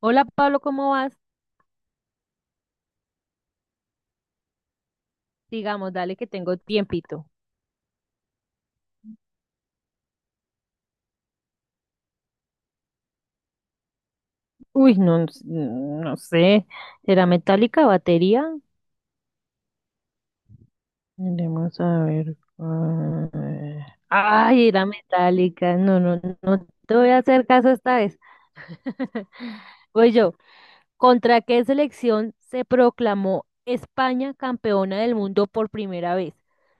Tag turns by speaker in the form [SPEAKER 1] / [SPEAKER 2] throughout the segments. [SPEAKER 1] Hola Pablo, ¿cómo vas? Digamos, dale que tengo tiempito. Uy, no, no sé. ¿Será metálica batería? Miremos a ver. Ay, era metálica. No, no, no te voy a hacer caso esta vez. Voy yo. ¿Contra qué selección se proclamó España campeona del mundo por primera vez?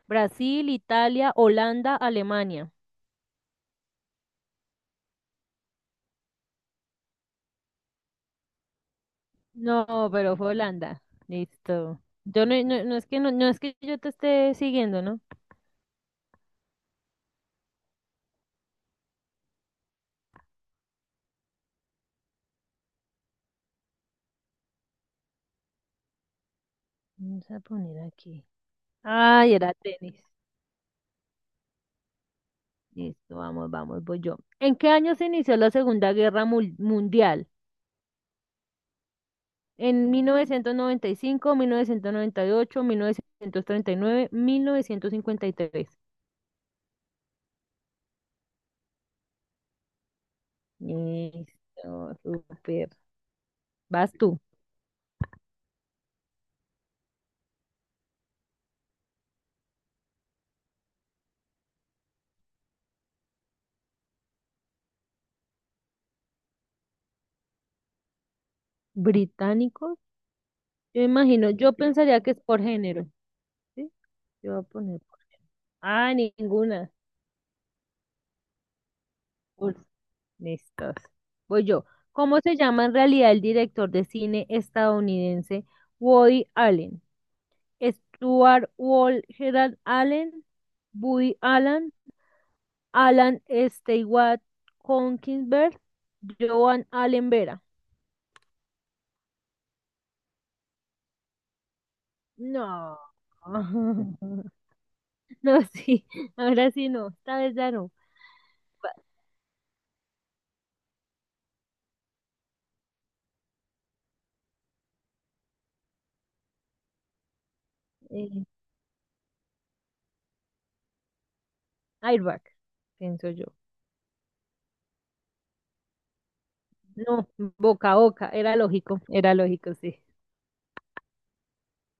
[SPEAKER 1] ¿Brasil, Italia, Holanda, Alemania? No, pero fue Holanda. Listo. Yo no, no, no es que no, no es que yo te esté siguiendo, ¿no? Vamos a poner aquí. Ay, era tenis. Listo, vamos, vamos, voy yo. ¿En qué año se inició la Segunda Guerra Mundial? ¿En mil novecientos noventa y cinco, ocho, 1939, 1953. Listo, súper. Vas tú. ¿Británicos? Yo imagino, yo pensaría que es por género. ¿Sí? Yo voy a poner por. Ah, ninguna. Por. Listos. Voy yo. ¿Cómo se llama en realidad el director de cine estadounidense Woody Allen? Stuart Wall, Gerard Allen, Woody Allen, Alan Stewart Konkinsberg, Joan Allen Vera. No. No, sí. Ahora sí no. Esta vez ya no. Eh, Airbag, pienso yo. No, boca a boca. Era lógico. Era lógico, sí.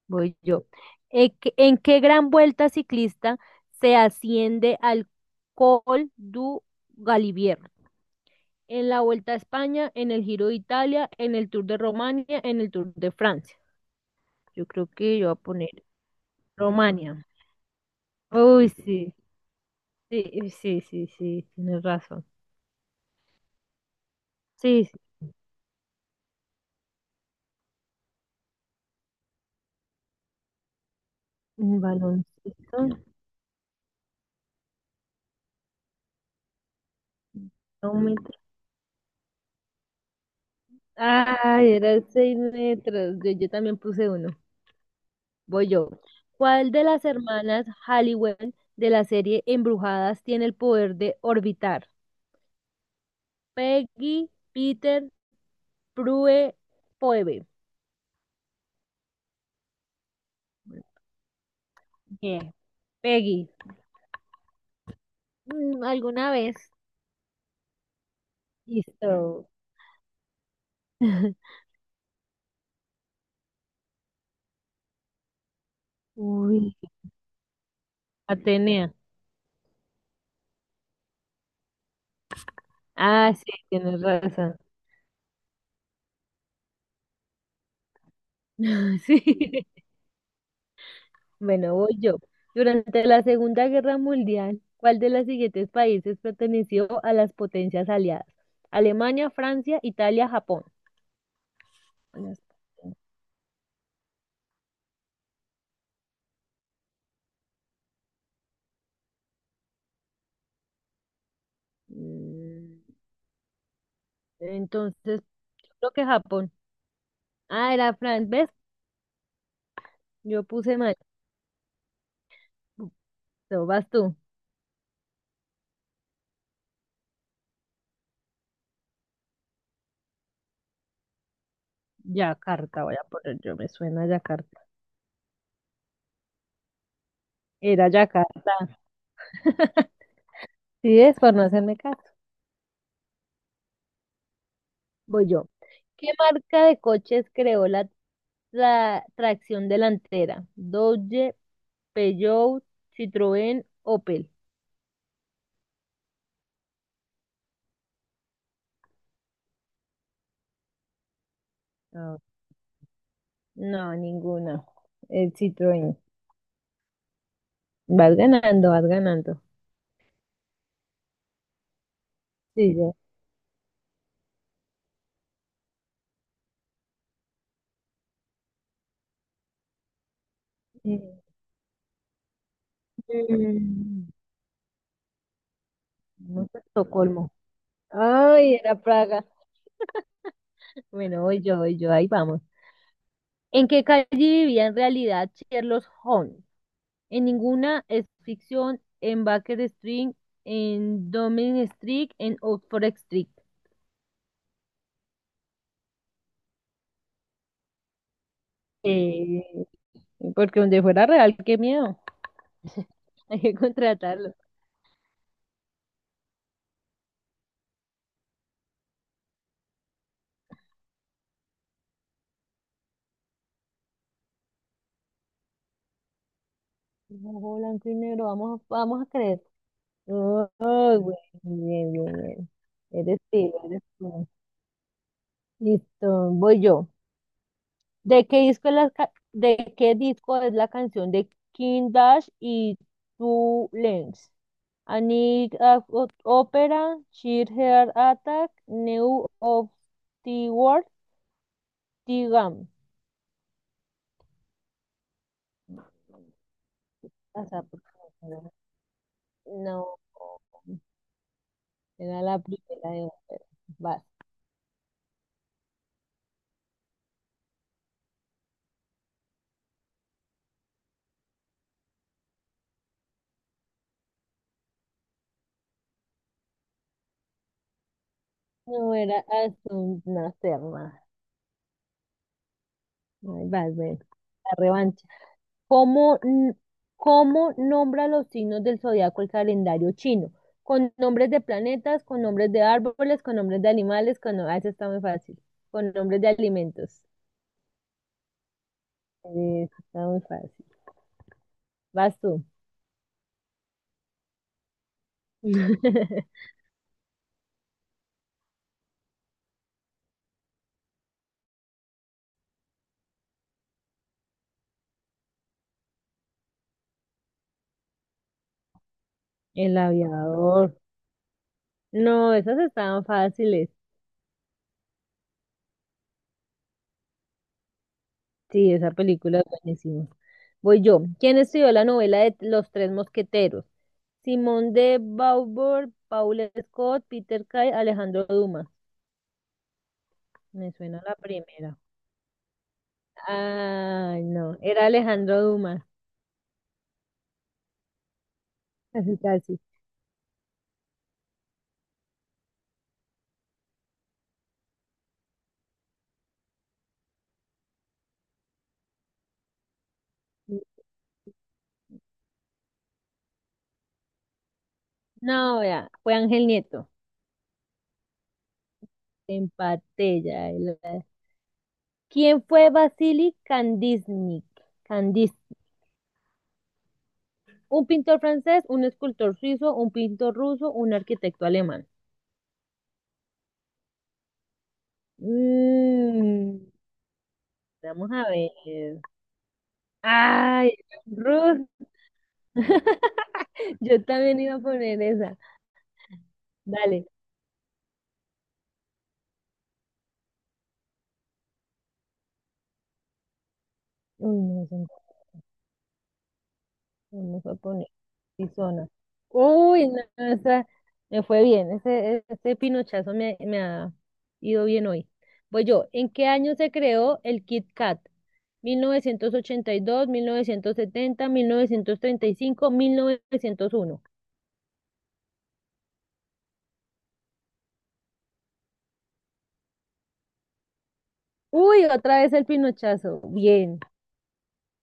[SPEAKER 1] Voy yo. ¿En qué gran vuelta ciclista se asciende al Col du Galibier? En la Vuelta a España, en el Giro de Italia, en el Tour de Romania, en el Tour de Francia. Yo creo que yo voy a poner Romania. Uy, sí, sí, sí, sí, sí, tienes razón. Sí, sí. Baloncesto. 2 metros. Ay, eran 6 metros. Yo también puse uno. Voy yo. ¿Cuál de las hermanas Halliwell de la serie Embrujadas tiene el poder de orbitar? Peggy, Peter, Prue, Phoebe. Bien, Peggy. ¿Alguna vez? Listo. Uy, Atenea. Ah, sí, tienes razón. Sí. Bueno, voy yo. Durante la Segunda Guerra Mundial, ¿cuál de los siguientes países perteneció a las potencias aliadas? Alemania, Francia, Italia, Japón. Bueno, Mm, Entonces, yo creo que Japón. Ah, era Fran, ¿ves? Yo puse mal. No, vas tú. Yakarta, voy a poner yo, me suena Yakarta. Era Yakarta. Sí, es por no hacerme caso. Voy yo. ¿Qué marca de coches creó la tracción delantera? Dodge, Peugeot, Citroën, Opel. Ah, no, ninguna. El Citroën. Vas ganando, vas ganando. Sí, ya. Mm. No fue Estocolmo. Ay, era Praga. Bueno, hoy yo, ahí vamos. ¿En qué calle vivía en realidad Sherlock Holmes? En ninguna es ficción, en Baker Street, en Downing Street, en Oxford Street. Eh, porque donde fuera real, qué miedo. Hay que contratarlo. Ojo blanco y negro, vamos, vamos a creer. Oh, oh, güey, bien, bien, bien. Eres tú, eres tú. Listo, voy yo. ¿De qué disco es la canción de King Dash y Two Lens A Night of Opera, Sheer Heart Attack, New of the World, The Gum. O sea, porque no, era la primera de Opera. Vas. No, era Aston Nacerma. Ay, vas, ven. La revancha. ¿Cómo, n- cómo nombra los signos del zodiaco el calendario chino? Con nombres de planetas, con nombres de árboles, con nombres de animales, con... no- Ah, eso está muy fácil. Con nombres de alimentos. Eso está muy fácil. Vas tú. El aviador. No, esas estaban fáciles. Sí, esa película es buenísima. Voy yo. ¿Quién estudió la novela de Los Tres Mosqueteros? Simón de Beauvoir, Paul Scott, Peter Kay, Alejandro Dumas. Me suena la primera. Ay, no, era Alejandro Dumas. Casi, casi. No, ya, fue Ángel Nieto. Empaté ya. ¿Quién fue Vasily Kandinsky? Kandinsky. Un pintor francés, un escultor suizo, un pintor ruso, un arquitecto alemán. Mm, vamos a ver. Ay, Ruth. Yo también iba a poner esa. Dale. Uy, no, eso no, no fue poner. Tizona. Uy, no, me fue bien. Ese pinochazo me ha ido bien hoy. Voy yo. ¿En qué año se creó el Kit Kat? 1982, 1970, 1935, 1901. Uy, otra vez el pinochazo. Bien,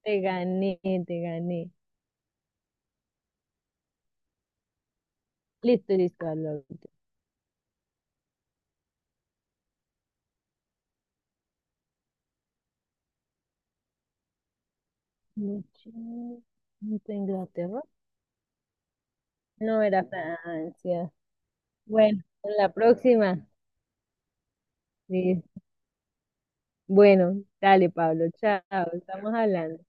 [SPEAKER 1] te gané, te gané. Listo, listo. A la última. Noche- ¿Inglaterra? No era Francia. Bueno, en la próxima. Listo. Bueno, dale, Pablo, chao, estamos hablando.